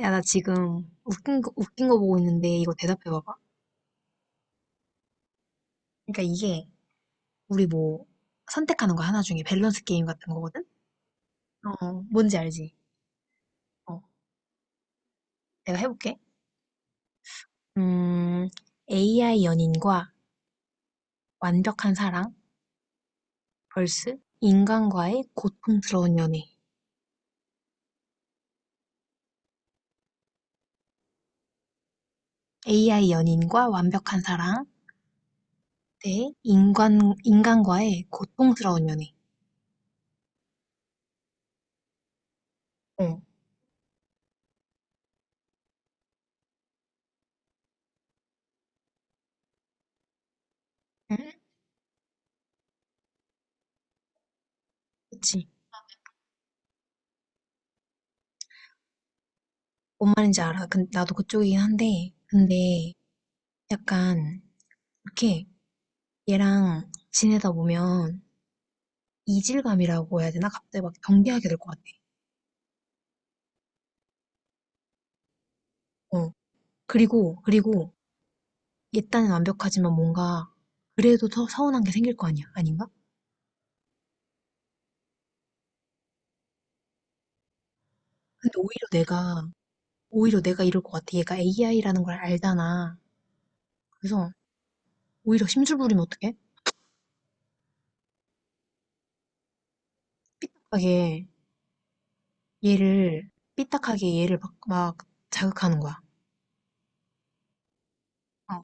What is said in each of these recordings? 야, 나 지금 웃긴 거 보고 있는데 이거 대답해봐봐. 그러니까 이게 우리 뭐 선택하는 거 하나 중에 밸런스 게임 같은 거거든? 어, 뭔지 알지? 어, 내가 해볼게. 음, AI 연인과 완벽한 사랑 vs 인간과의 고통스러운 연애. AI 연인과 완벽한 사랑 대 인간과의 고통스러운 연애. 어, 응? 그치. 뭔 말인지 알아. 근 나도 그쪽이긴 한데, 근데 약간 이렇게 얘랑 지내다 보면 이질감이라고 해야 되나? 갑자기 막 경계하게 될 것 같아. 어. 그리고 얘 딴엔 완벽하지만 뭔가 그래도 더 서운한 게 생길 거 아니야. 아닌가? 근데 오히려 내가 이럴 것 같아. 얘가 AI라는 걸 알잖아. 그래서 오히려 심술 부리면 어떡해? 삐딱하게 삐딱하게 얘를 막, 막 자극하는 거야. 어,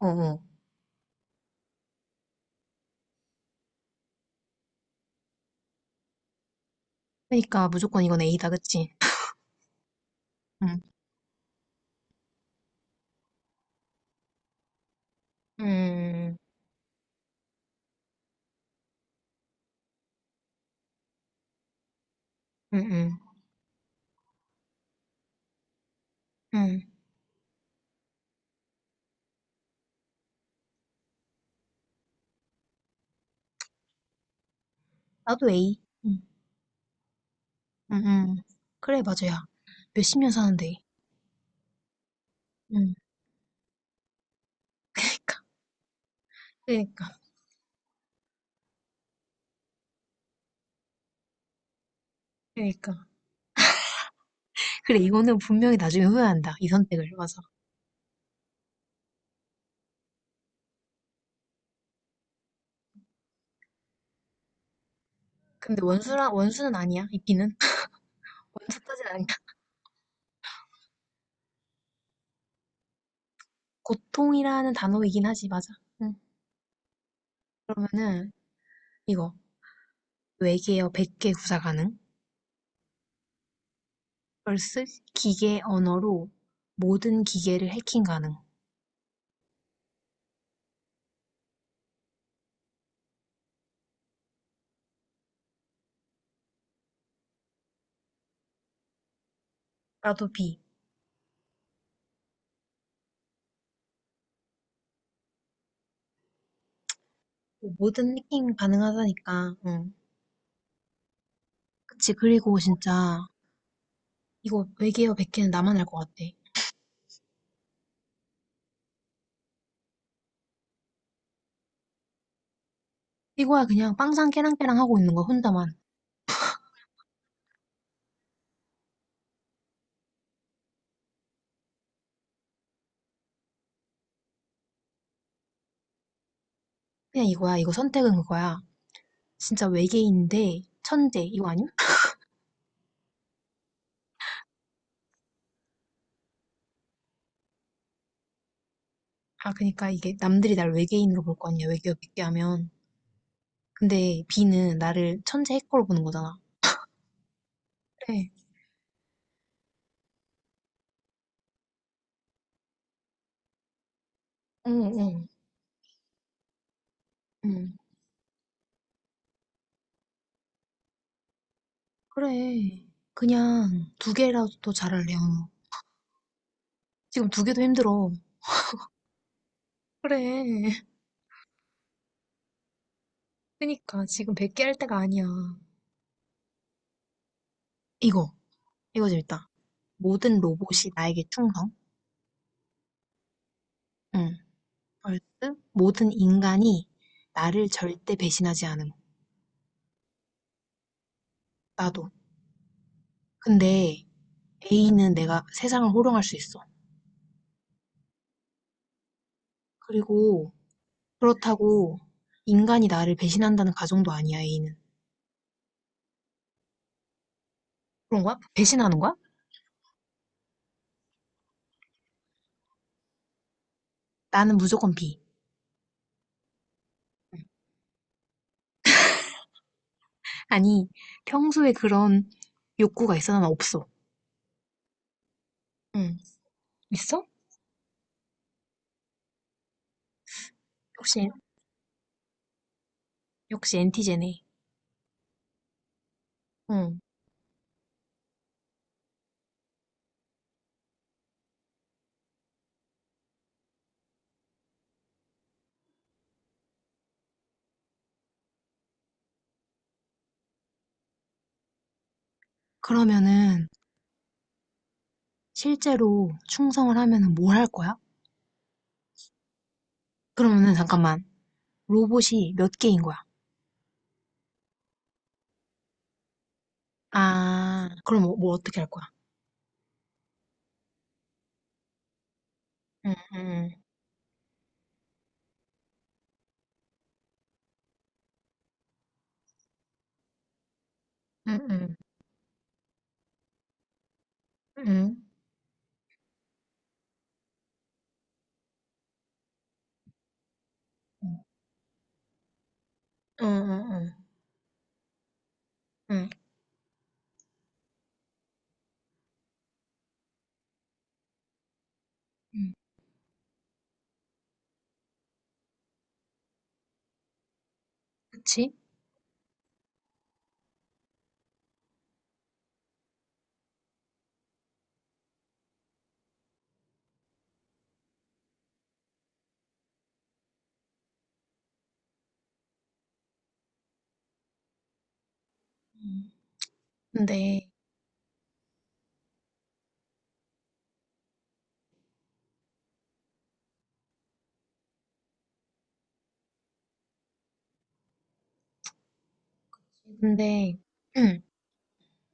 어, 어. 그러니까 무조건 이건 A다, 그치? 응, 응, 응, 응, 응. 나도 A. 응. 응응. 그래, 맞아야. 몇십 년 사는데. 응. 그니까, 그니까, 그니까. 그래, 이거는 분명히 나중에 후회한다. 이 선택을. 맞아. 근데 원수는 아니야, 이끼는. 원수 따는 아니야. 고통이라는 단어이긴 하지, 맞아. 응. 그러면은, 이거. 외계어 100개 구사 가능. vs 기계 언어로 모든 기계를 해킹 가능. 나도 B. 뭐 모든 해킹 가능하다니까. 응. 그치, 그리고 진짜, 이거 외계어 100개는 나만 알 것 같아. 이거야 그냥 빵상 깨랑깨랑 하고 있는 거 혼자만 그냥 이거야 이거 선택은 그거야 진짜 외계인인데 천재 이거 아님? 아, 그니까 이게 남들이 날 외계인으로 볼 거 아니야. 외계어 깊게 하면 근데 B는 나를 천재 해커로 보는 거잖아. 그래. 응응. 그래. 그냥 두 개라도 더 잘할래. 언우 지금 두 개도 힘들어. 그래. 그니까 지금 100개 할 때가 아니야. 이거 이거 재밌다. 모든 로봇이 나에게 충성. 응. 벌스 모든 인간이 나를 절대 배신하지 않음. 나도. 근데 A는 내가 세상을 호령할 수 있어. 그리고 그렇다고 인간이 나를 배신한다는 가정도 아니야, A는. 그런 거야? 배신하는 거야? 나는 무조건 B. 아니, 평소에 그런 욕구가 있어? 난 없어. 응. 있어? 역시, 역시 엔티제네. 응. 그러면은 실제로 충성을 하면은 뭘 할 거야? 그러면은 잠깐만. 로봇이 몇 개인 거야? 아, 그럼 뭐 어떻게 할 거야? 응, 응, 응, 응, 응, 응, 응, 응, 응, 응, 그치? 응. 근데, 근데, 응,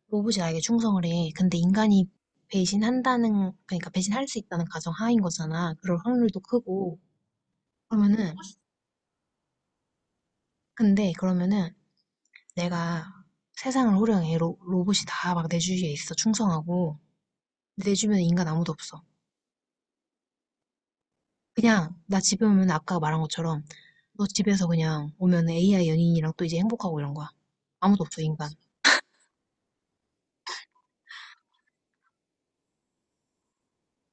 로봇이 나에게 충성을 해. 근데 인간이 배신한다는, 그러니까 배신할 수 있다는 가정 하인 거잖아. 그럴 확률도 크고. 그러면은, 근데, 그러면은, 내가 세상을 호령해. 로봇이 다 막 내 주위에 있어. 충성하고. 근데 내 주변에 인간 아무도 없어. 그냥 나 집에 오면 아까 말한 것처럼 너 집에서 그냥 오면 AI 연인이랑 또 이제 행복하고 이런 거야. 아무도 없어, 인간.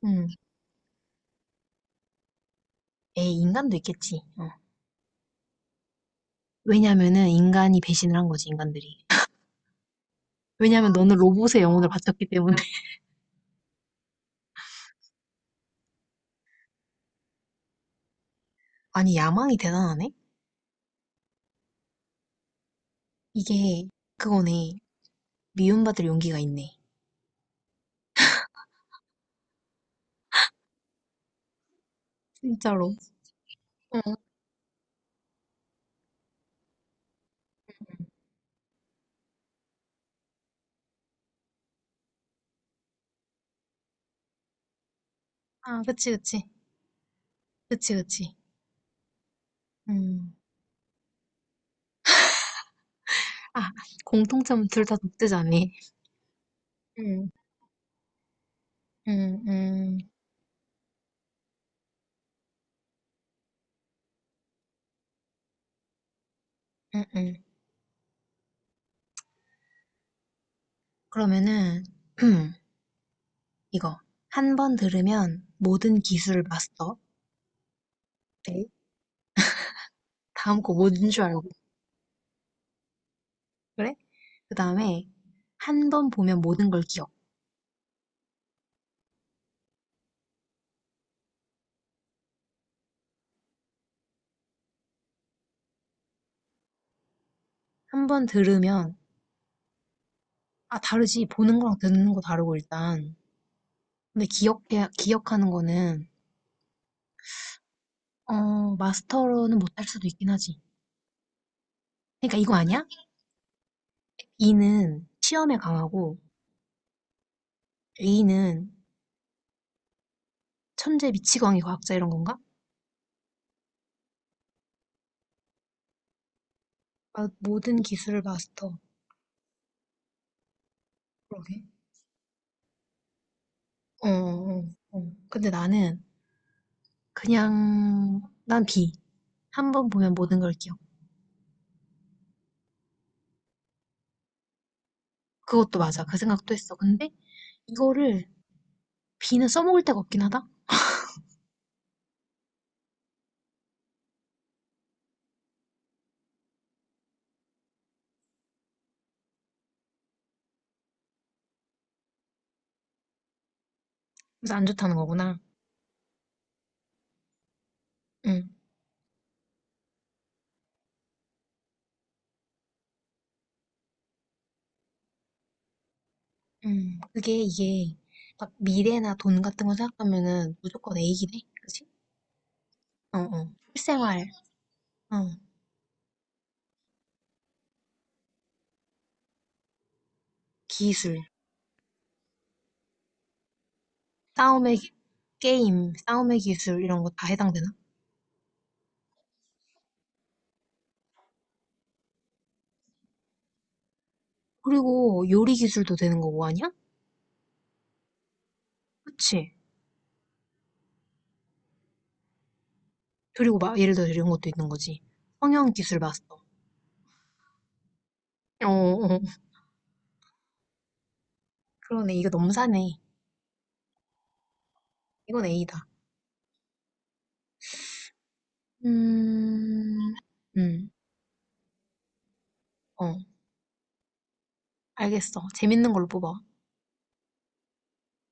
응. 에이, 인간도 있겠지. 어. 왜냐면은 인간이 배신을 한 거지, 인간들이. 왜냐면 너는 로봇의 영혼을 바쳤기 때문에. 아니, 야망이 대단하네? 이게 그거네. 미움받을 용기가 있네. 진짜로. 응. 아, 그치, 그치. 그치, 그치. 음. 아, 공통점은 둘 다 독재자네. 응. 응, 응, 응, 응. 그러면은, 이거 한 번 들으면 모든 기술을 마스터. 돼. 다음 거 뭔 줄 알고. 그래? 그 다음에 한 번 보면 모든 걸 기억. 한 번 들으면 아, 다르지. 보는 거랑 듣는 거 다르고 일단. 근데 기억해 기억하는 거는 어, 마스터로는 못할 수도 있긴 하지. 그러니까 이거 아니야? B는 시험에 강하고 A는 천재 미치광이 과학자 이런 건가? 아, 모든 기술을 마스터. 그러게. 어, 어, 어. 근데 나는 그냥 난 비. 한 번 보면 모든 걸 기억. 그것도 맞아. 그 생각도 했어. 근데 이거를 비는 써먹을 데가 없긴 하다. 그래서 안 좋다는 거구나. 응. 음. 그게 이게 막 미래나 돈 같은 거 생각하면은 무조건 A긴 해. 그치? 어, 어. 실생활, 어. 기술, 싸움의 기- 게임, 싸움의 기술 이런 거 다 해당되나? 그리고 요리 기술도 되는 거고 아니야? 그치? 그리고 막 예를 들어 이런 것도 있는 거지. 성형 기술 마스터. 어, 어. 어. 그러네. 이거 너무 사네. 이건 A다. 음, 음, 어, 알겠어. 재밌는 걸로 뽑아.